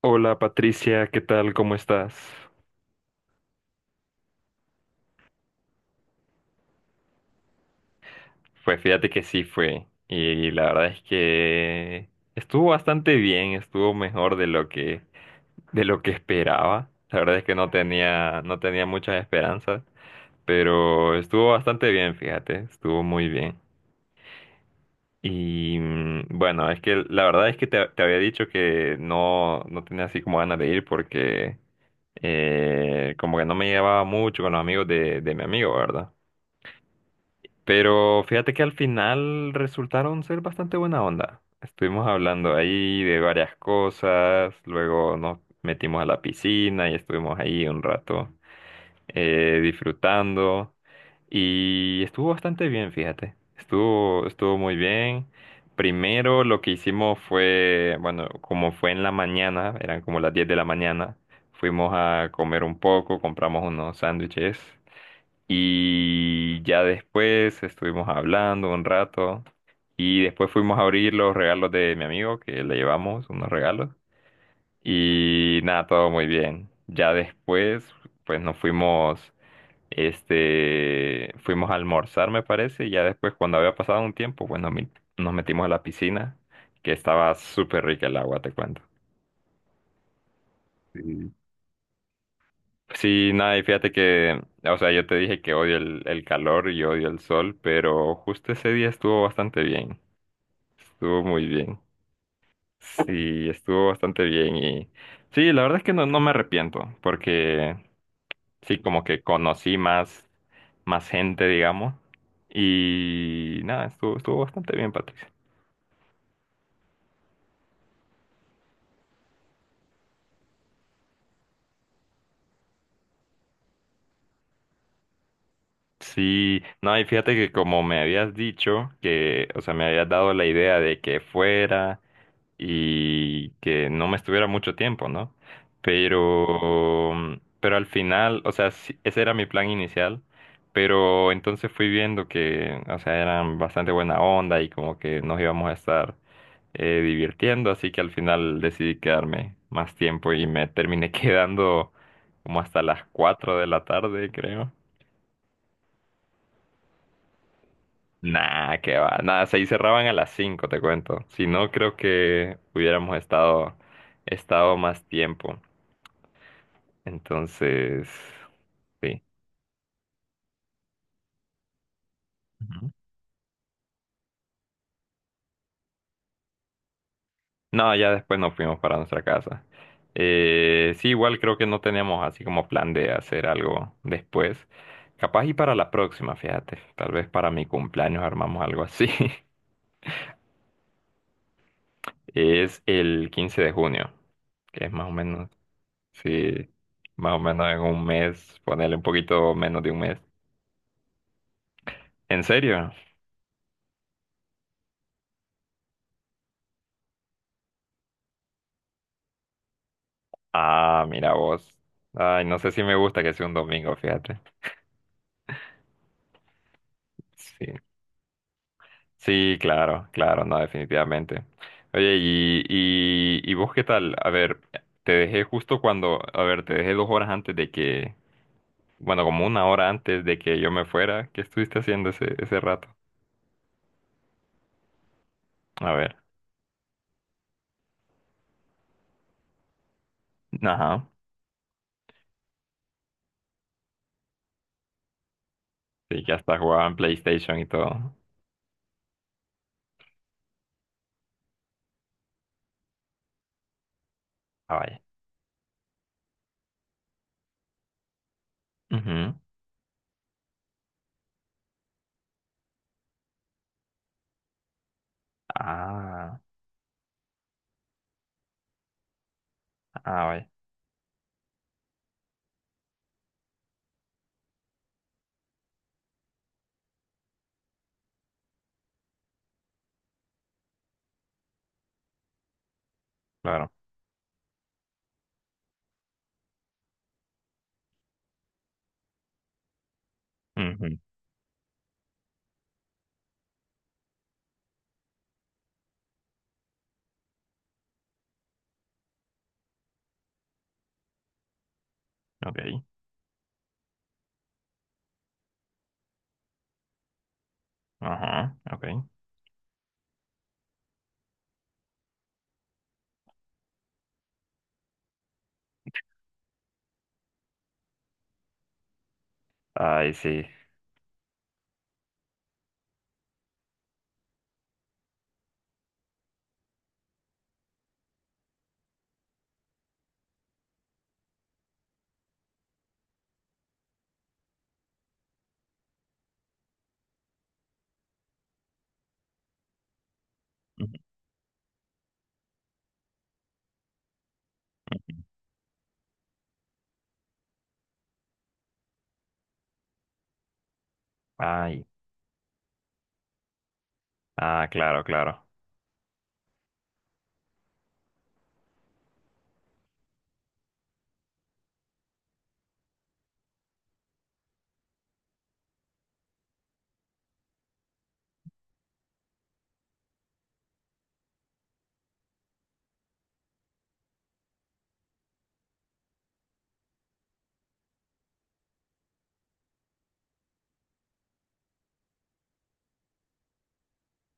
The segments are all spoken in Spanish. Hola Patricia, ¿qué tal? ¿Cómo estás? Pues fíjate que sí fue. Y la verdad es que estuvo bastante bien, estuvo mejor de lo que esperaba. La verdad es que no tenía muchas esperanzas, pero estuvo bastante bien, fíjate, estuvo muy bien. Y bueno, es que la verdad es que te había dicho que no tenía así como ganas de ir porque como que no me llevaba mucho con los amigos de mi amigo, ¿verdad? Pero fíjate que al final resultaron ser bastante buena onda. Estuvimos hablando ahí de varias cosas, luego nos metimos a la piscina y estuvimos ahí un rato disfrutando, y estuvo bastante bien, fíjate. Estuvo muy bien. Primero lo que hicimos fue, bueno, como fue en la mañana, eran como las 10 de la mañana, fuimos a comer un poco, compramos unos sándwiches y ya después estuvimos hablando un rato y después fuimos a abrir los regalos de mi amigo, que le llevamos unos regalos, y nada, todo muy bien. Ya después pues nos fuimos, fuimos a almorzar, me parece, y ya después, cuando había pasado un tiempo, pues nos metimos a la piscina, que estaba súper rica el agua, te cuento. Sí. Sí, nada, y fíjate que, o sea, yo te dije que odio el calor y odio el sol, pero justo ese día estuvo bastante bien, estuvo muy bien, sí, estuvo bastante bien, y sí, la verdad es que no me arrepiento, porque sí, como que conocí más gente, digamos, y nada, estuvo bastante bien, Patricia. Sí, no, y fíjate que, como me habías dicho que, o sea, me habías dado la idea de que fuera y que no me estuviera mucho tiempo, ¿no? Pero al final, o sea, sí, ese era mi plan inicial, pero entonces fui viendo que, o sea, eran bastante buena onda y como que nos íbamos a estar divirtiendo, así que al final decidí quedarme más tiempo y me terminé quedando como hasta las 4 de la tarde, creo. Nah, que va. Nada, se cerraban a las 5, te cuento. Si no, creo que hubiéramos estado más tiempo. Entonces, sí. Ujú. No, ya después nos fuimos para nuestra casa. Sí, igual creo que no teníamos así como plan de hacer algo después. Capaz y para la próxima, fíjate. Tal vez para mi cumpleaños armamos algo así. Es el 15 de junio, que es más o menos, sí, más o menos en un mes, ponerle un poquito menos de un mes. ¿En serio? Ah, mira vos. Ay, no sé si me gusta que sea un domingo, fíjate. Sí. Sí, claro, claro, no, definitivamente. Oye, y vos qué tal? A ver, te dejé justo cuando, a ver, te dejé 2 horas antes de que, bueno, como una hora antes de que yo me fuera. ¿Qué estuviste haciendo ese rato? A ver, ajá, sí, que hasta jugaban PlayStation y todo. Ah, vaya. Ujú. Ah, ah, vaya, claro. Ujú. Ok, ajá, ok. Ay, sí. Ujú. Ay, ah, claro, claro.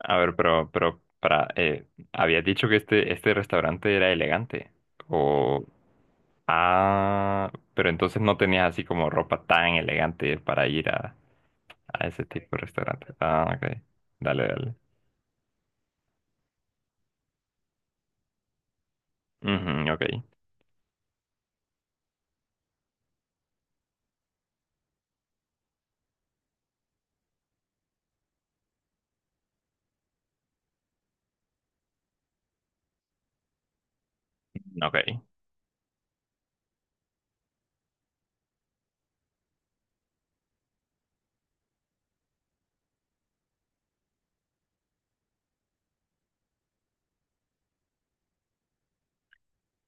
A ver, pero, para, habías dicho que este restaurante era elegante. O, ah, pero entonces no tenías así como ropa tan elegante para ir a ese tipo de restaurante. Ah, ok. Dale, dale. Ujú, ok, ok.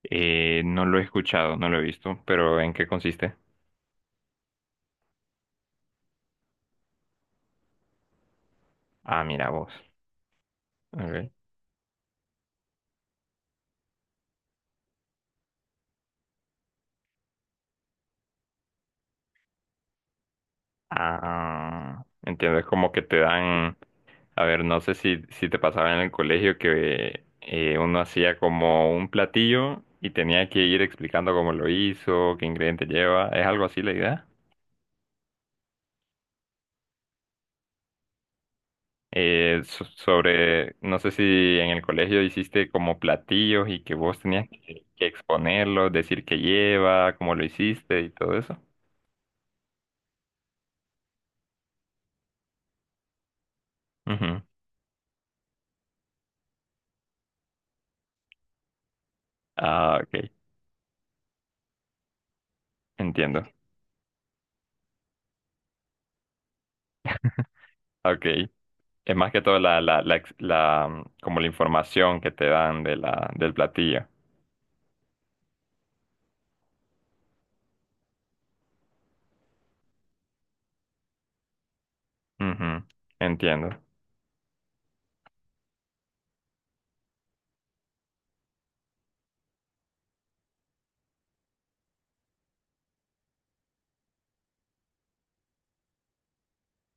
No lo he escuchado, no lo he visto, pero ¿en qué consiste? Ah, mira vos. Ok. Ah, entiendo. Es como que te dan, a ver, no sé si te pasaba en el colegio que uno hacía como un platillo y tenía que ir explicando cómo lo hizo, qué ingrediente lleva, ¿es algo así la idea? Sobre, no sé si en el colegio hiciste como platillos y que, vos tenías que exponerlos, decir qué lleva, cómo lo hiciste y todo eso. Ujú. Ah, ok, entiendo. Ok. Es más que todo como la información que te dan del platillo. Ujú. Entiendo.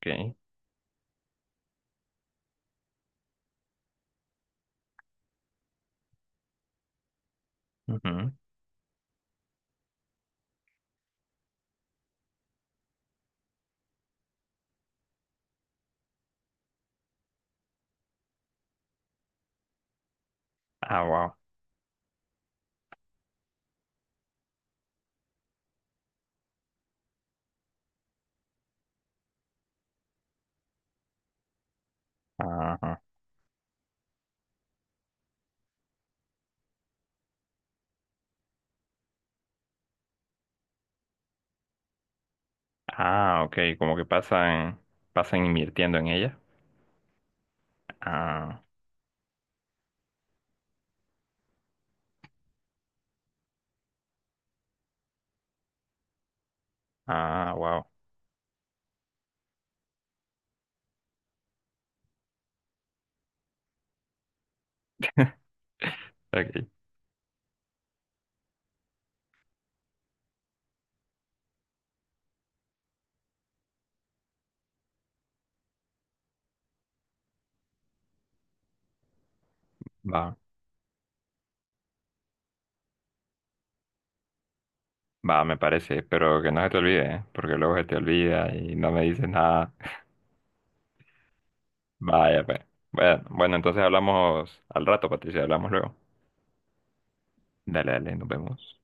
Okay. Ujú. Ah, wow. Ajá. Ah, ok. Como que pasan invirtiendo en ella. Ah, ah, wow. Okay. Va, va, me parece. Pero que no se te olvide, ¿eh? Porque luego se te olvida y no me dices nada. Vaya, pues. Bueno, bueno, entonces hablamos al rato, Patricia. Hablamos luego. Dale, dale, nos vemos.